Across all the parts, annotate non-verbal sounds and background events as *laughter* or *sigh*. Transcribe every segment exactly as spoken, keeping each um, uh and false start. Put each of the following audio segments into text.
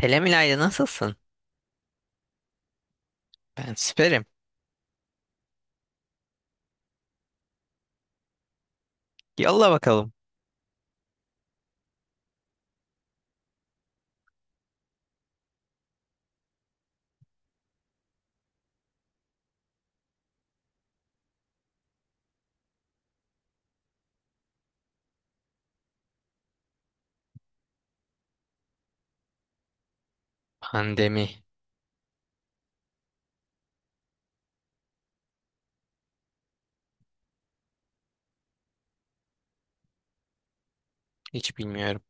Selam İlayda, nasılsın? Ben süperim. Yolla bakalım. Pandemi. Hiç bilmiyorum.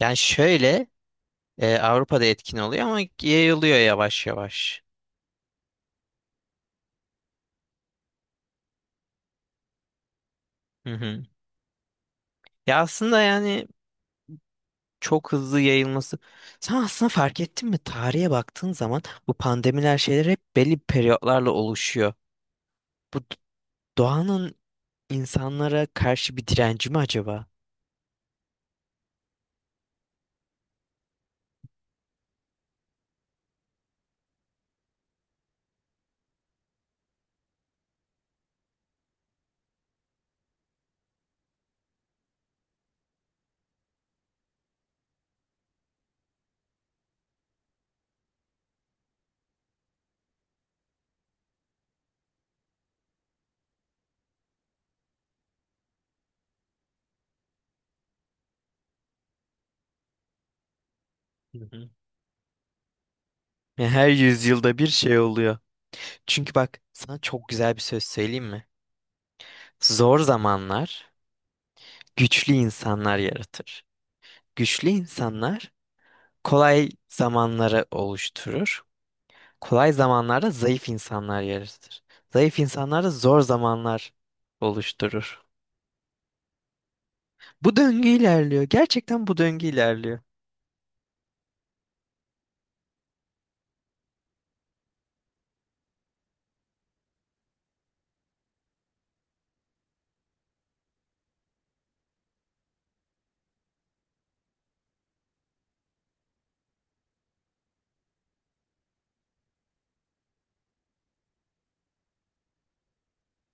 Yani şöyle e, Avrupa'da etkin oluyor ama yayılıyor yavaş yavaş. Hı hı. Ya aslında yani çok hızlı yayılması. Sen aslında fark ettin mi? Tarihe baktığın zaman bu pandemiler şeyler hep belli periyotlarla oluşuyor. Bu doğanın insanlara karşı bir direnci mi acaba? Hı hı. Ya her yüzyılda bir şey oluyor. Çünkü bak sana çok güzel bir söz söyleyeyim mi? Zor zamanlar güçlü insanlar yaratır. Güçlü insanlar kolay zamanları oluşturur. Kolay zamanlarda zayıf insanlar yaratır. Zayıf insanlar da zor zamanlar oluşturur. Bu döngü ilerliyor. Gerçekten bu döngü ilerliyor.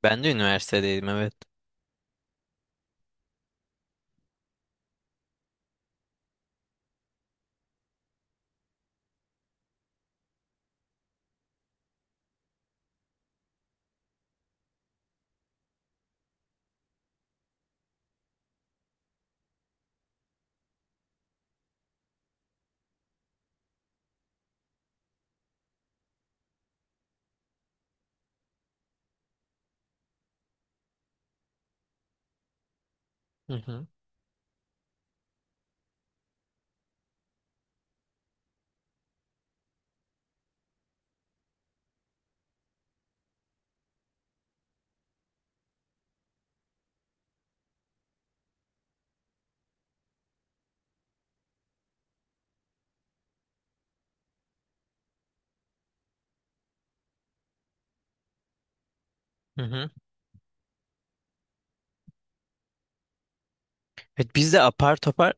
Ben de üniversitedeydim, evet. Hı hı. Hı hı. Evet, biz de apar topar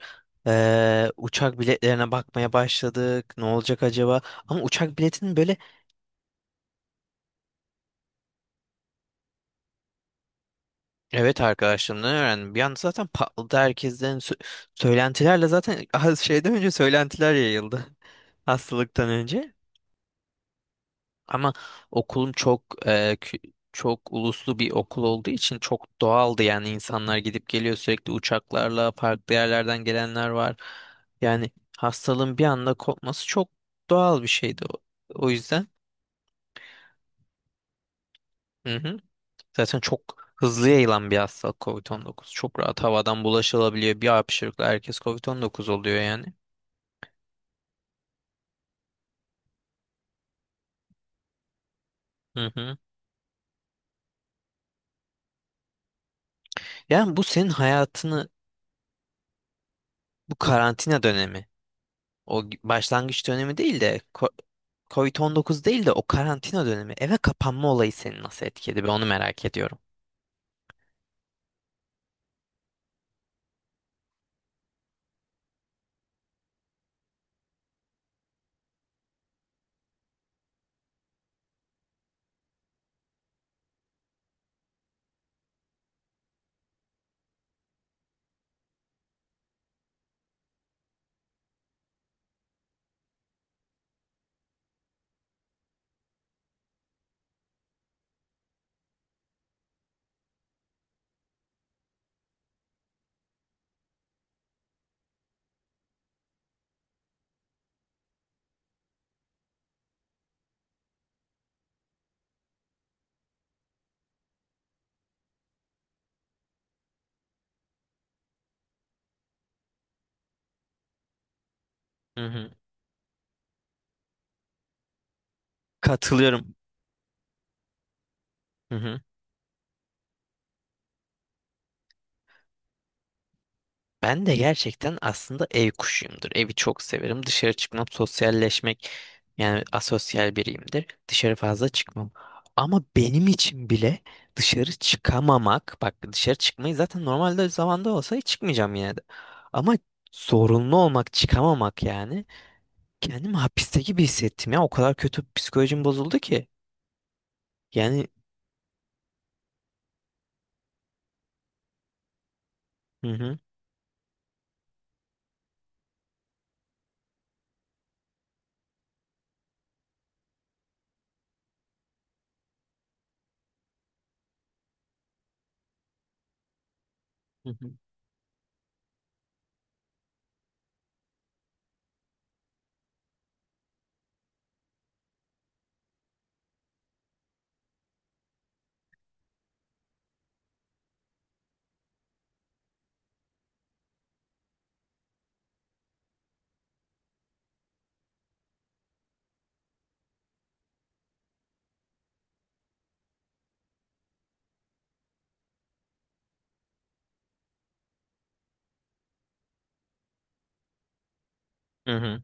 eee, uçak biletlerine bakmaya başladık. Ne olacak acaba? Ama uçak biletinin böyle evet arkadaşlarımdan öğrendim. Bir anda zaten patladı herkesten sö- söylentilerle zaten *laughs* az şeyden önce söylentiler yayıldı. *laughs* Hastalıktan önce. Ama okulum çok e, kü- çok uluslu bir okul olduğu için çok doğaldı, yani insanlar gidip geliyor sürekli, uçaklarla farklı yerlerden gelenler var. Yani hastalığın bir anda kopması çok doğal bir şeydi o, o yüzden. Hı hı. Zaten çok hızlı yayılan bir hastalık covid on dokuz. Çok rahat havadan bulaşılabiliyor. Bir hapşırıkla herkes covid on dokuz oluyor yani. Hı hı. Yani bu senin hayatını, bu karantina dönemi, o gi- başlangıç dönemi değil de ko- covid on dokuz değil de o karantina dönemi, eve kapanma olayı seni nasıl etkiledi? Ben onu merak ediyorum. Hı hı. Katılıyorum. Hı hı. Ben de gerçekten aslında ev kuşuyumdur. Evi çok severim. Dışarı çıkmam, sosyalleşmek, yani asosyal biriyimdir. Dışarı fazla çıkmam. Ama benim için bile dışarı çıkamamak, bak dışarı çıkmayı zaten normalde zamanda olsa hiç çıkmayacağım yine de. Ama zorunlu olmak, çıkamamak, yani kendimi hapiste gibi hissettim ya. O kadar kötü psikolojim bozuldu ki. Yani hı hı, hı hı. Hı hı.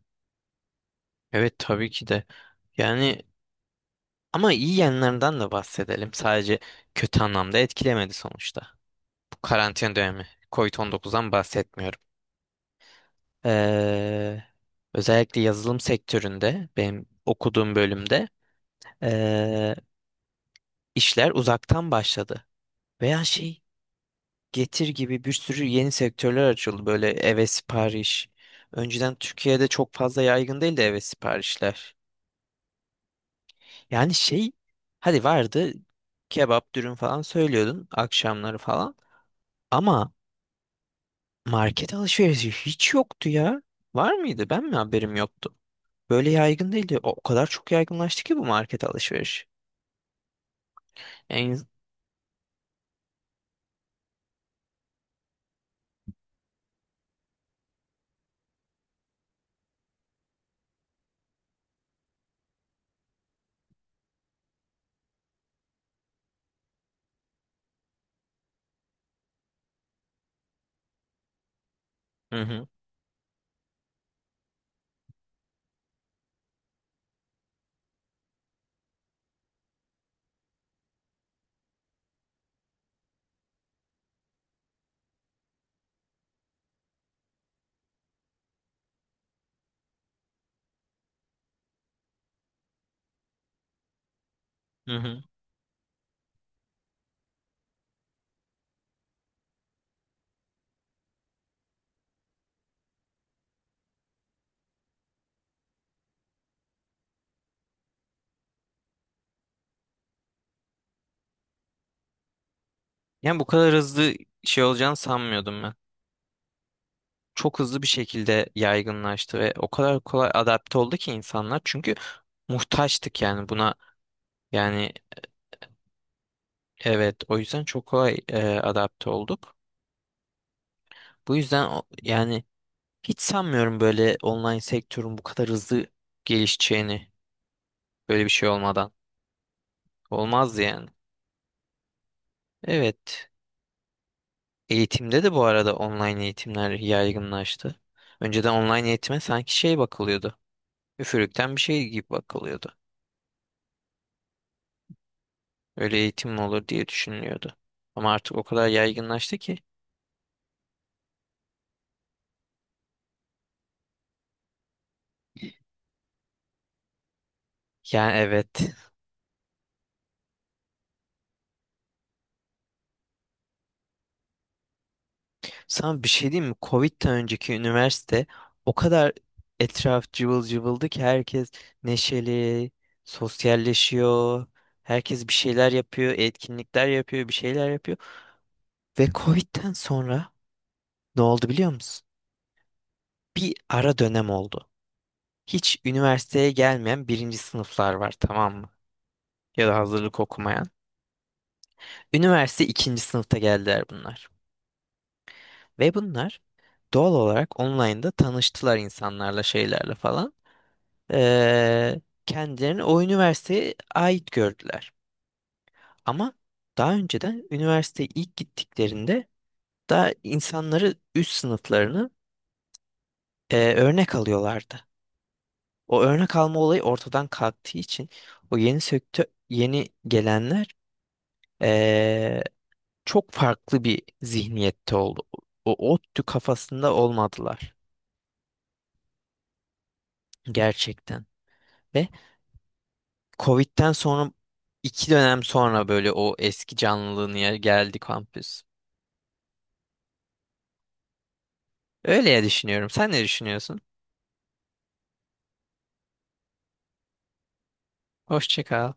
Evet tabii ki de. Yani ama iyi yanlarından da bahsedelim. Sadece kötü anlamda etkilemedi sonuçta. Bu karantina dönemi. covid on dokuzdan bahsetmiyorum. Ee, özellikle yazılım sektöründe benim okuduğum bölümde ee, işler uzaktan başladı. Veya şey, Getir gibi bir sürü yeni sektörler açıldı. Böyle eve sipariş. Önceden Türkiye'de çok fazla yaygın değildi eve siparişler. Yani şey, hadi vardı kebap dürüm falan söylüyordun akşamları falan. Ama market alışverişi hiç yoktu ya. Var mıydı? Ben mi haberim yoktu? Böyle yaygın değildi. O o kadar çok yaygınlaştı ki bu market alışveriş en... Hı hı, hı hı. Yani bu kadar hızlı şey olacağını sanmıyordum ben. Çok hızlı bir şekilde yaygınlaştı ve o kadar kolay adapte oldu ki insanlar. Çünkü muhtaçtık yani buna. Yani evet, o yüzden çok kolay e, adapte olduk. Bu yüzden o- yani hiç sanmıyorum böyle online sektörün bu kadar hızlı gelişeceğini böyle bir şey olmadan. Olmaz yani. Evet. Eğitimde de bu arada online eğitimler yaygınlaştı. Önceden online eğitime sanki şey bakılıyordu. Üfürükten bir şey gibi bakılıyordu. Öyle eğitim mi olur diye düşünülüyordu. Ama artık o kadar yaygınlaştı ki. Yani evet. Sana bir şey diyeyim mi? Covid'den önceki üniversite o kadar etraf cıvıl cıvıldı ki, herkes neşeli, sosyalleşiyor. Herkes bir şeyler yapıyor, etkinlikler yapıyor, bir şeyler yapıyor. Ve Covid'den sonra ne oldu biliyor musun? Bir ara dönem oldu. Hiç üniversiteye gelmeyen birinci sınıflar var, tamam mı? Ya da hazırlık okumayan. Üniversite ikinci sınıfta geldiler bunlar. Ve bunlar doğal olarak online'da tanıştılar insanlarla, şeylerle falan. Ee, kendilerini o üniversiteye ait gördüler. Ama daha önceden üniversiteye ilk gittiklerinde daha insanları, üst sınıflarını e, örnek alıyorlardı. O örnek alma olayı ortadan kalktığı için o yeni sektör, yeni gelenler eee, çok farklı bir zihniyette oldu. O ODTÜ kafasında olmadılar gerçekten. Ve Covid'den sonra iki dönem sonra böyle o eski canlılığına geldi kampüs. Öyle ya düşünüyorum. Sen ne düşünüyorsun? Hoşça kal.